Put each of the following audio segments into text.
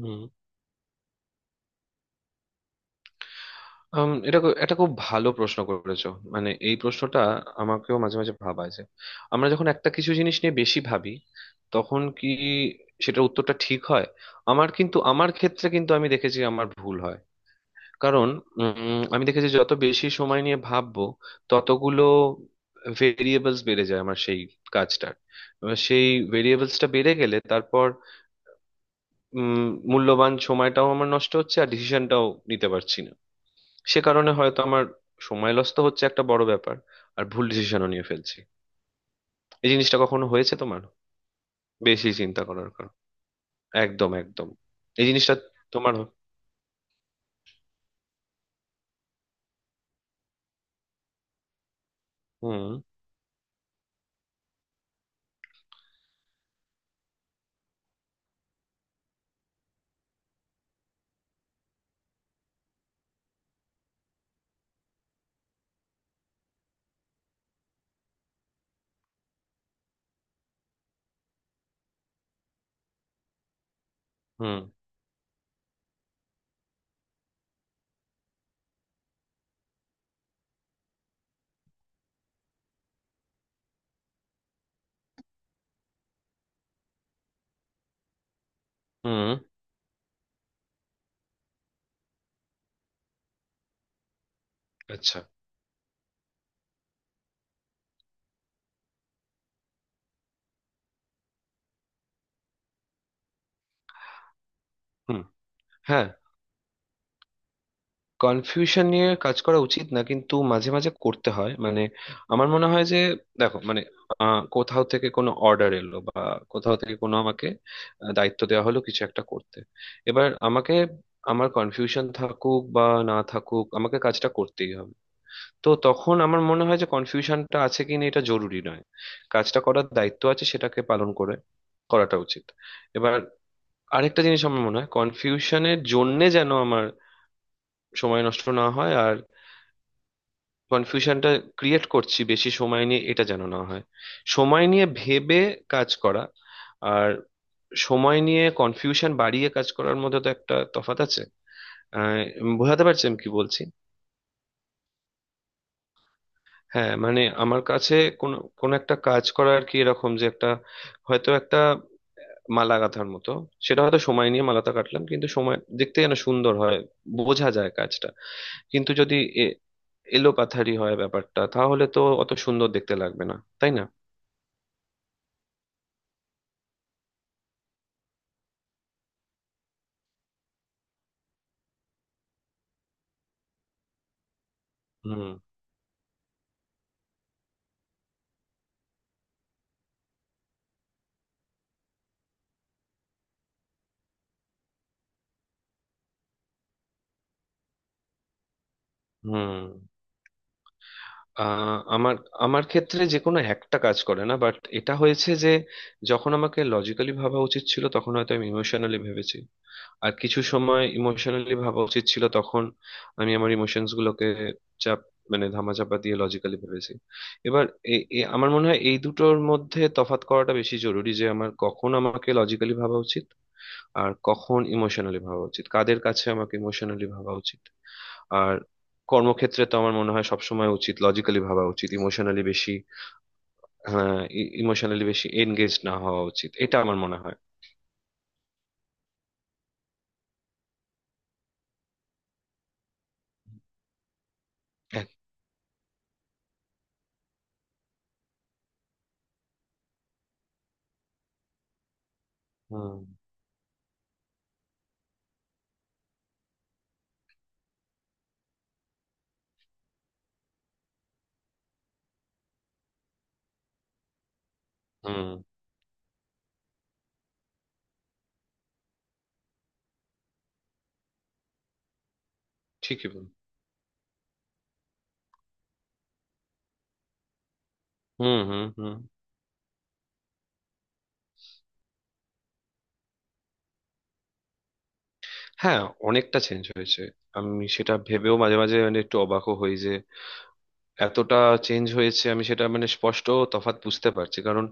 হুম। এটা খুব ভালো প্রশ্ন করেছো। মানে এই প্রশ্নটা আমাকেও মাঝে মাঝে ভাবায় যে আমরা যখন একটা কিছু জিনিস নিয়ে বেশি ভাবি তখন কি সেটার উত্তরটা ঠিক হয়। আমার ক্ষেত্রে কিন্তু আমি দেখেছি আমার ভুল হয়, কারণ আমি দেখেছি যত বেশি সময় নিয়ে ভাববো ততগুলো ভেরিয়েবলস বেড়ে যায় আমার সেই কাজটার। এবার সেই ভেরিয়েবলসটা বেড়ে গেলে তারপর উম, মূল্যবান সময়টাও আমার নষ্ট হচ্ছে আর ডিসিশনটাও নিতে পারছি না। সে কারণে হয়তো আমার সময় লস তো হচ্ছে একটা বড় ব্যাপার, আর ভুল ডিসিশনও নিয়ে ফেলছি। এই জিনিসটা কখনো হয়েছে তোমার? বেশি চিন্তা করার কারণ। একদম একদম। এই জিনিসটা তোমার। হুম হুম হুম। আচ্ছা। হুম। হ্যাঁ। কনফিউশন নিয়ে কাজ করা উচিত না, কিন্তু মাঝে মাঝে করতে হয়। মানে আমার মনে হয় যে, দেখো মানে কোথাও থেকে কোনো অর্ডার এলো, বা কোথাও থেকে কোনো আমাকে দায়িত্ব দেওয়া হলো কিছু একটা করতে। এবার আমাকে, আমার কনফিউশন থাকুক বা না থাকুক, আমাকে কাজটা করতেই হবে। তো তখন আমার মনে হয় যে কনফিউশনটা আছে কিনা এটা জরুরি নয়। কাজটা করার দায়িত্ব আছে, সেটাকে পালন করে করাটা উচিত। এবার আরেকটা জিনিস আমার মনে হয়, কনফিউশনের জন্যে যেন আমার সময় নষ্ট না হয়। কনফিউশনটা ক্রিয়েট করছি বেশি সময় নিয়ে, এটা যেন না হয়। সময় নিয়ে ভেবে কাজ করা আর সময় নিয়ে কনফিউশন বাড়িয়ে কাজ করার মধ্যে তো একটা তফাৎ আছে। আহ, বোঝাতে পারছি আমি কি বলছি? হ্যাঁ মানে আমার কাছে কোন কোন একটা কাজ করার কি এরকম যে একটা হয়তো একটা মালা গাঁথার মতো। সেটা হয়তো সময় নিয়ে মালাটা কাটলাম, কিন্তু সময় দেখতে যেন সুন্দর হয়, বোঝা যায় কাজটা। কিন্তু যদি এ- এলোপাথারি হয় ব্যাপারটা তাহলে তো অত সুন্দর দেখতে লাগবে না, তাই না? হুম হুম। আহ, আমার আমার ক্ষেত্রে যে কোনো একটা কাজ করে না, বাট এটা হয়েছে যে যখন আমাকে লজিক্যালি ভাবা উচিত ছিল তখন হয়তো আমি ইমোশনালি ভেবেছি। আর কিছু সময় ইমোশনালি ভাবা উচিত ছিল তখন আমি আমার ইমোশনস গুলোকে চাপ মানে ধামাচাপা দিয়ে লজিক্যালি ভেবেছি। এবার আমার মনে হয় এই দুটোর মধ্যে তফাৎ করাটা বেশি জরুরি, যে আমার কখন আমাকে লজিক্যালি ভাবা উচিত আর কখন ইমোশনালি ভাবা উচিত, কাদের কাছে আমাকে ইমোশনালি ভাবা উচিত। আর কর্মক্ষেত্রে তো আমার মনে হয় সবসময় উচিত লজিক্যালি ভাবা উচিত, ইমোশনালি বেশি। হ্যাঁ। ইমোশনালি বেশি এনগেজ না হওয়া উচিত, এটা আমার মনে হয়। এক- হুম হুম। ঠিকই বল। হুম হুম হুম। হ্যাঁ অনেকটা চেঞ্জ হয়েছে। আমি সেটা ভেবেও মাঝে মাঝে মানে একটু অবাকও হই যে এতটা চেঞ্জ হয়েছে। আমি সেটা মানে স্পষ্ট তফাৎ বুঝতে পারছি, কারণ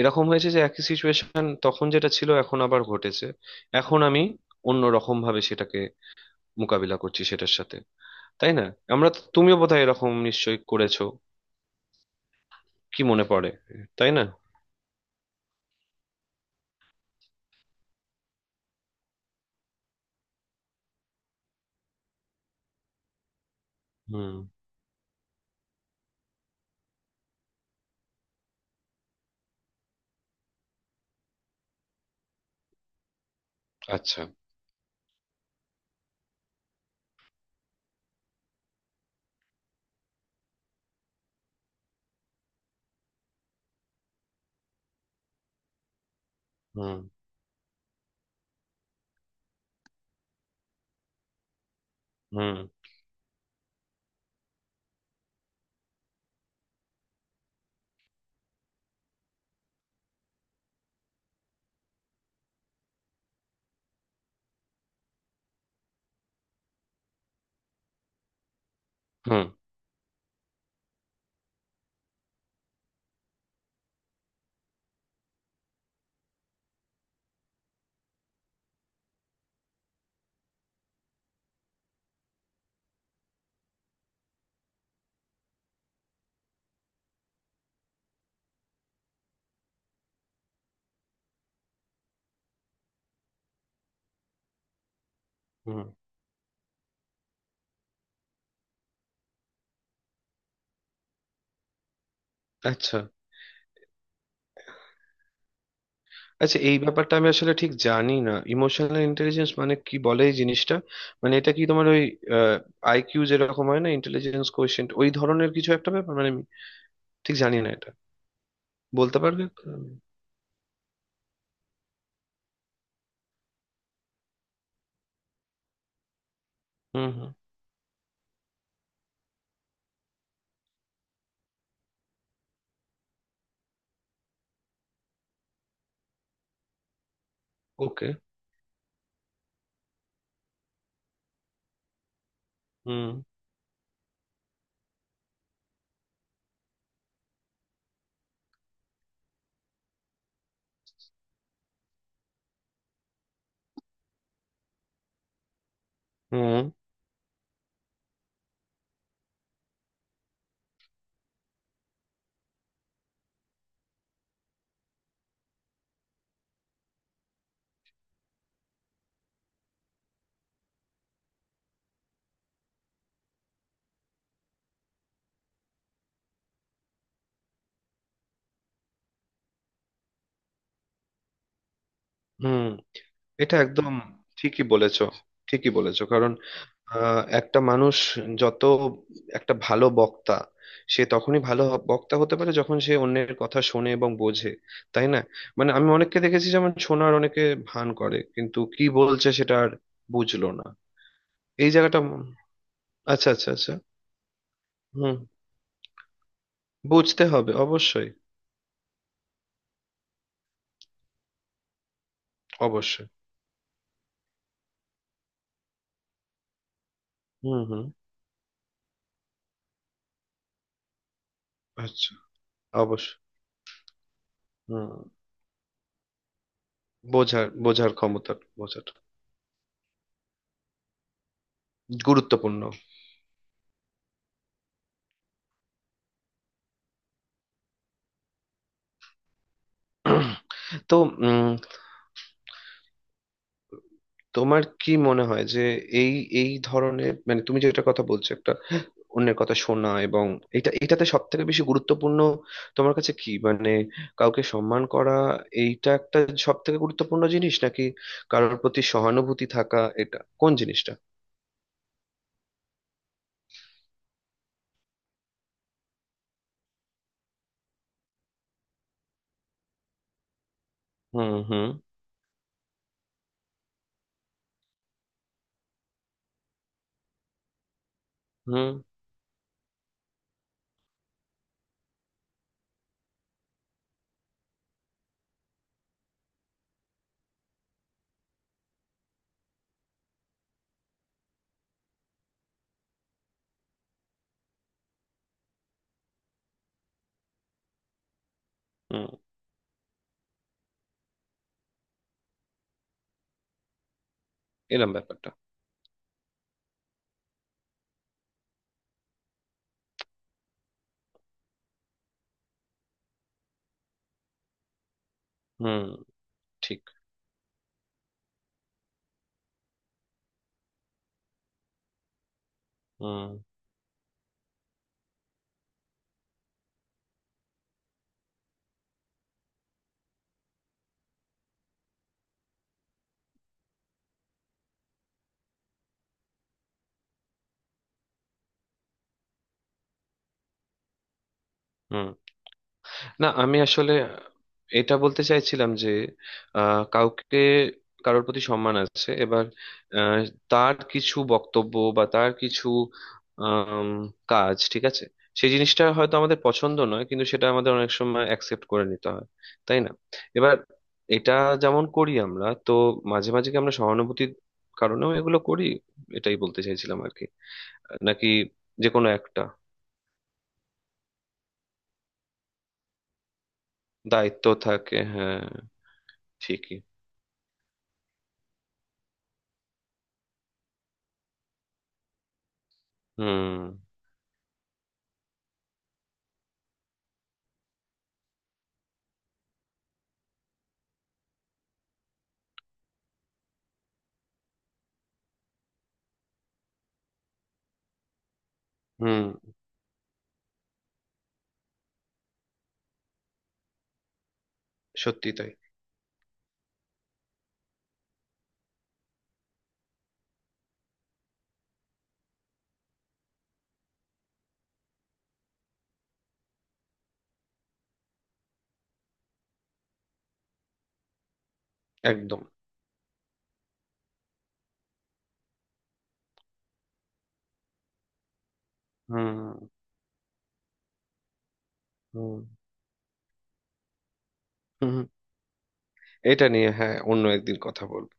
এরকম হয়েছে যে একই সিচুয়েশন তখন যেটা ছিল এখন আবার ঘটেছে। এখন আমি অন্য রকম ভাবে সেটাকে মোকাবিলা করছি সেটার সাথে, তাই না? তুমিও বোধহয় এরকম নিশ্চয়ই করেছো। কি মনে পড়ে? তাই না? হুম। আচ্ছা। হুম হুম হুম হুম। আচ্ছা আচ্ছা এই ব্যাপারটা আমি আসলে ঠিক জানি না, ইমোশনাল ইন্টেলিজেন্স মানে কি বলে এই জিনিসটা। মানে এটা কি তোমার ওই আইকিউ যেরকম হয় না ইন্টেলিজেন্স কোয়েশ্চেন্ট, ওই ধরনের কিছু একটা ব্যাপার? মানে আমি ঠিক জানি না এটা, বলতে পারবে? হুম হুম। ওকে। হুম হুম হুম। এটা একদম ঠিকই বলেছো। ঠিকই বলেছো, কারণ একটা মানুষ যত একটা ভালো বক্তা, সে তখনই ভালো বক্তা হতে পারে যখন সে অন্যের কথা শোনে এবং বোঝে, তাই না? মানে আমি অনেককে দেখেছি, যেমন শোনার অনেকে ভান করে কিন্তু কি বলছে সেটা আর বুঝলো না। এই জায়গাটা আচ্ছা আচ্ছা আচ্ছা। হুম। বুঝতে হবে অবশ্যই। অবশ্যই। হুম হুম। আচ্ছা। অবশ্যই। হুম। বোঝার বোঝার ক্ষমতা। বোঝাটা গুরুত্বপূর্ণ। তো উম, তোমার কি মনে হয় যে এই এই ধরনের মানে তুমি যেটা কথা বলছো, একটা অন্যের কথা শোনা, এবং এটা, এটাতে সব থেকে বেশি গুরুত্বপূর্ণ তোমার কাছে কি মানে কাউকে সম্মান করা, এইটা একটা সব থেকে গুরুত্বপূর্ণ জিনিস, নাকি কারোর প্রতি সহানুভূতি থাকা, এটা কোন জিনিসটা? হুম হুম হুম হুম। এরম ব্যাপারটা। হুম। ঠিক। হুম হুম। না আমি আসলে এটা বলতে চাইছিলাম যে কাউকে কারোর প্রতি সম্মান আছে, এবার আহ, তার কিছু বক্তব্য বা তার কিছু আম, কাজ ঠিক আছে, সেই জিনিসটা হয়তো আমাদের পছন্দ নয় কিন্তু সেটা আমাদের অনেক সময় অ্যাকসেপ্ট করে নিতে হয়, তাই না? এবার এটা যেমন করি, আমরা তো মাঝে মাঝে কি আমরা সহানুভূতির কারণেও এগুলো করি, এটাই বলতে চাইছিলাম আর কি, নাকি যে কোনো একটা দায়িত্ব থাকে। হ্যাঁ। ঠিকই। হুম হুম। সত্যি তাই। একদম। হুম হুম হুম হুম। এটা নিয়ে হ্যাঁ অন্য একদিন কথা বলবো।